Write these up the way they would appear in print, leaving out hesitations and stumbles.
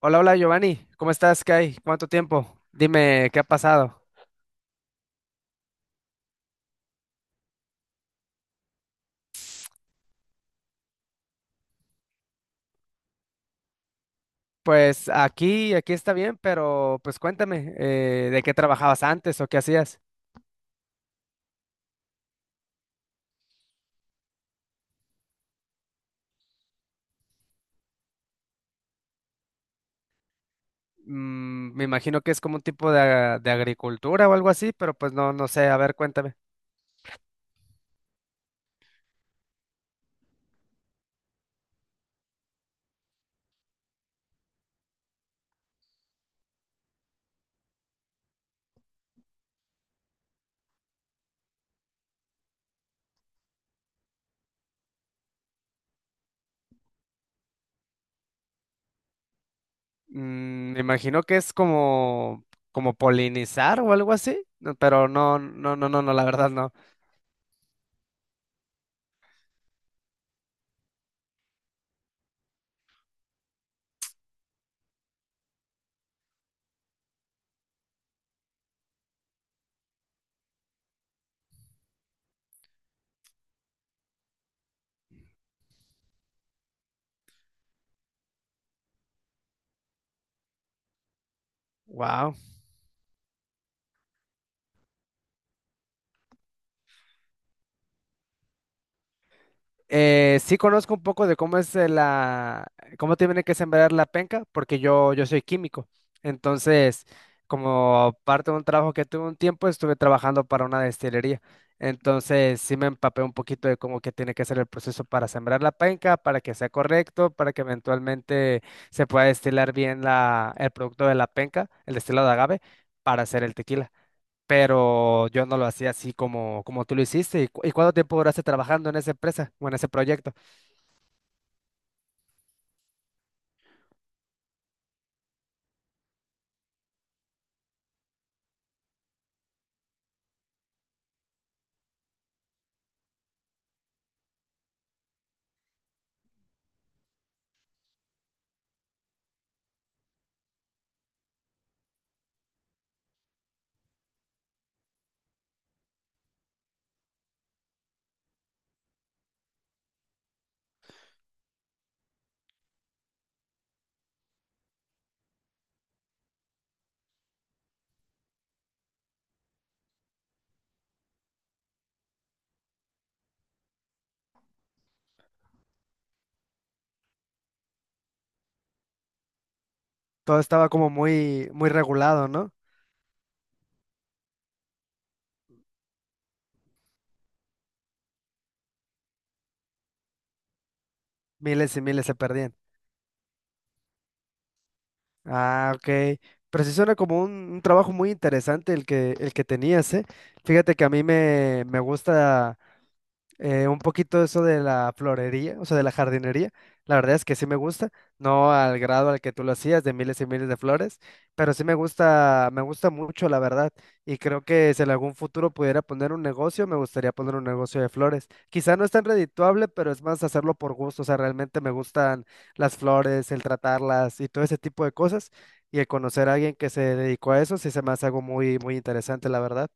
Hola, hola Giovanni, ¿cómo estás? ¿Qué hay? ¿Cuánto tiempo? Dime, ¿qué ha pasado? Pues aquí está bien, pero pues cuéntame, ¿de qué trabajabas antes o qué hacías? Mm, me imagino que es como un tipo de agricultura o algo así, pero pues no, no sé, a ver, cuéntame. Mm, me imagino que es como, como polinizar o algo así, no, pero no, no, no, no, no, la verdad no. Sí conozco un poco de cómo es la, cómo tiene que sembrar la penca, porque yo soy químico. Entonces, como parte de un trabajo que tuve un tiempo, estuve trabajando para una destilería. Entonces, sí me empapé un poquito de cómo que tiene que ser el proceso para sembrar la penca, para que sea correcto, para que eventualmente se pueda destilar bien la, el producto de la penca, el destilado de agave, para hacer el tequila, pero yo no lo hacía así como, como tú lo hiciste. ¿Y, y cuánto tiempo duraste trabajando en esa empresa o en ese proyecto? Todo estaba como muy, muy regulado, ¿no? Miles y miles se perdían. Ah, ok. Pero sí suena como un trabajo muy interesante el el que tenías, ¿eh? Fíjate que a me gusta un poquito eso de la florería, o sea, de la jardinería. La verdad es que sí me gusta, no al grado al que tú lo hacías, de miles y miles de flores, pero sí me gusta mucho, la verdad. Y creo que si en algún futuro pudiera poner un negocio, me gustaría poner un negocio de flores. Quizá no es tan redituable, pero es más hacerlo por gusto. O sea, realmente me gustan las flores, el tratarlas y todo ese tipo de cosas. Y el conocer a alguien que se dedicó a eso, sí se me hace algo muy, muy interesante, la verdad.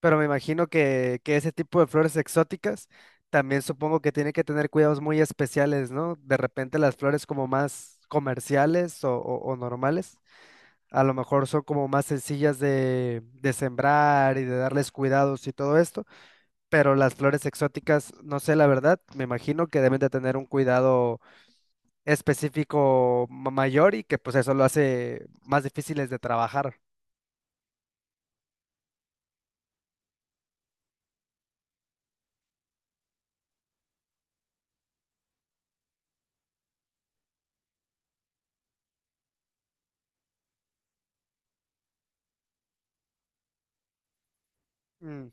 Pero me imagino que ese tipo de flores exóticas también supongo que tiene que tener cuidados muy especiales, ¿no? De repente las flores como más comerciales o normales, a lo mejor son como más sencillas de sembrar y de darles cuidados y todo esto, pero las flores exóticas, no sé la verdad, me imagino que deben de tener un cuidado específico mayor y que pues eso lo hace más difíciles de trabajar. Mm.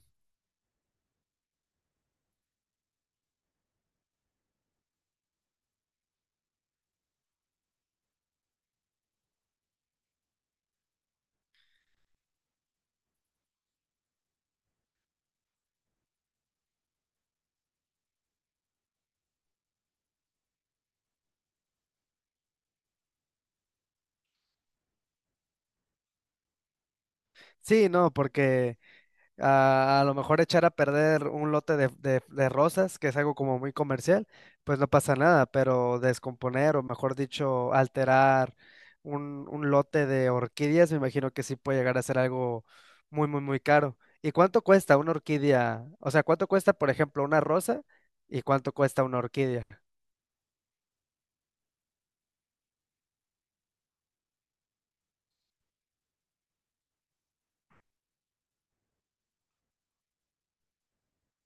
Sí, no, porque a lo mejor echar a perder un lote de rosas, que es algo como muy comercial, pues no pasa nada, pero descomponer o mejor dicho, alterar un lote de orquídeas, me imagino que sí puede llegar a ser algo muy, muy, muy caro. ¿Y cuánto cuesta una orquídea? O sea, ¿cuánto cuesta, por ejemplo, una rosa y cuánto cuesta una orquídea?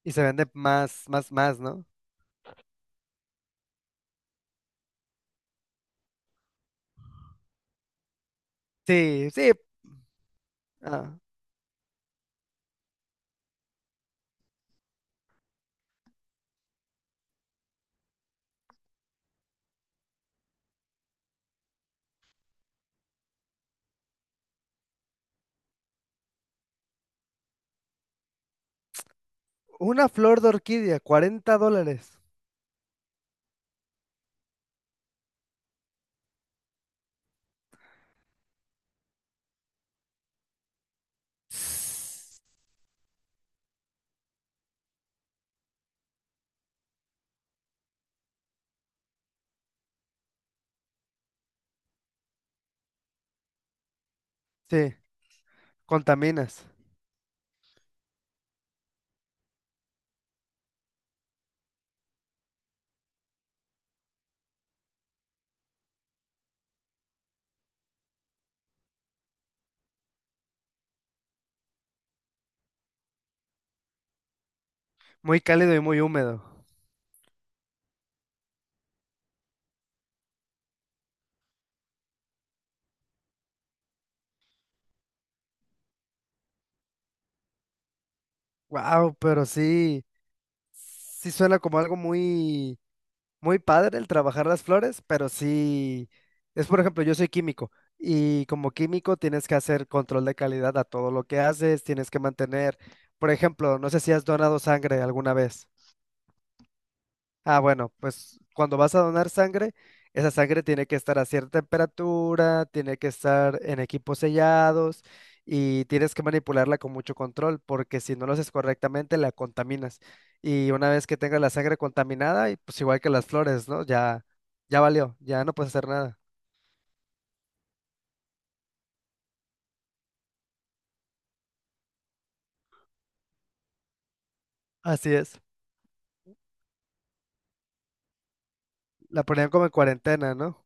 Y se vende más, más, más, ¿no? Sí, sí. ah, una flor de orquídea, $40. Sí, contaminas. Muy cálido y muy húmedo. Wow, pero sí, sí suena como algo muy, muy padre el trabajar las flores, pero sí, es por ejemplo, yo soy químico y como químico tienes que hacer control de calidad a todo lo que haces, tienes que mantener, por ejemplo, no sé si has donado sangre alguna vez. Ah, bueno, pues cuando vas a donar sangre, esa sangre tiene que estar a cierta temperatura, tiene que estar en equipos sellados y tienes que manipularla con mucho control porque si no lo haces correctamente la contaminas. Y una vez que tengas la sangre contaminada, y pues igual que las flores, ¿no? Ya, ya valió, ya no puedes hacer nada. Así es. La ponían como en cuarentena, ¿no?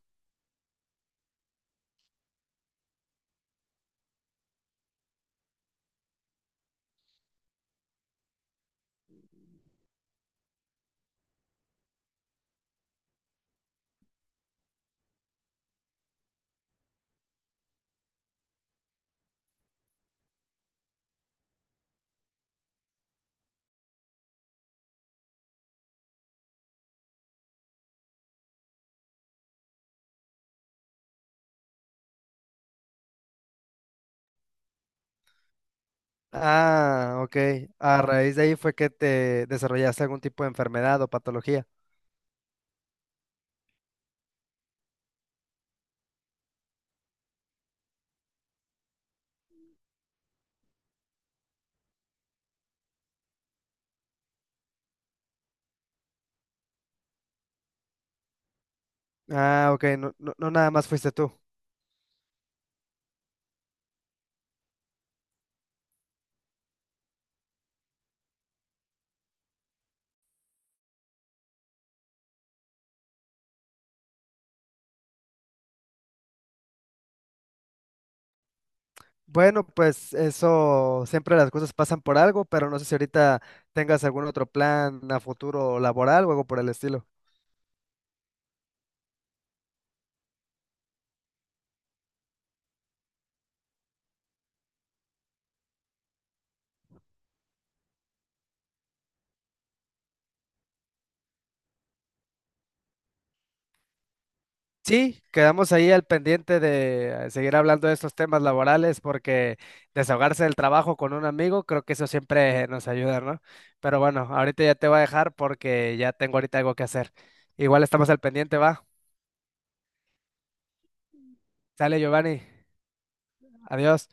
Ah, ok. A raíz de ahí fue que te desarrollaste algún tipo de enfermedad o patología. Ah, ok. No, no, no nada más fuiste tú. Bueno, pues eso, siempre las cosas pasan por algo, pero no sé si ahorita tengas algún otro plan a futuro laboral o algo por el estilo. Sí, quedamos ahí al pendiente de seguir hablando de estos temas laborales porque desahogarse del trabajo con un amigo, creo que eso siempre nos ayuda, ¿no? Pero bueno, ahorita ya te voy a dejar porque ya tengo ahorita algo que hacer. Igual estamos al pendiente, va. Sale Giovanni, adiós.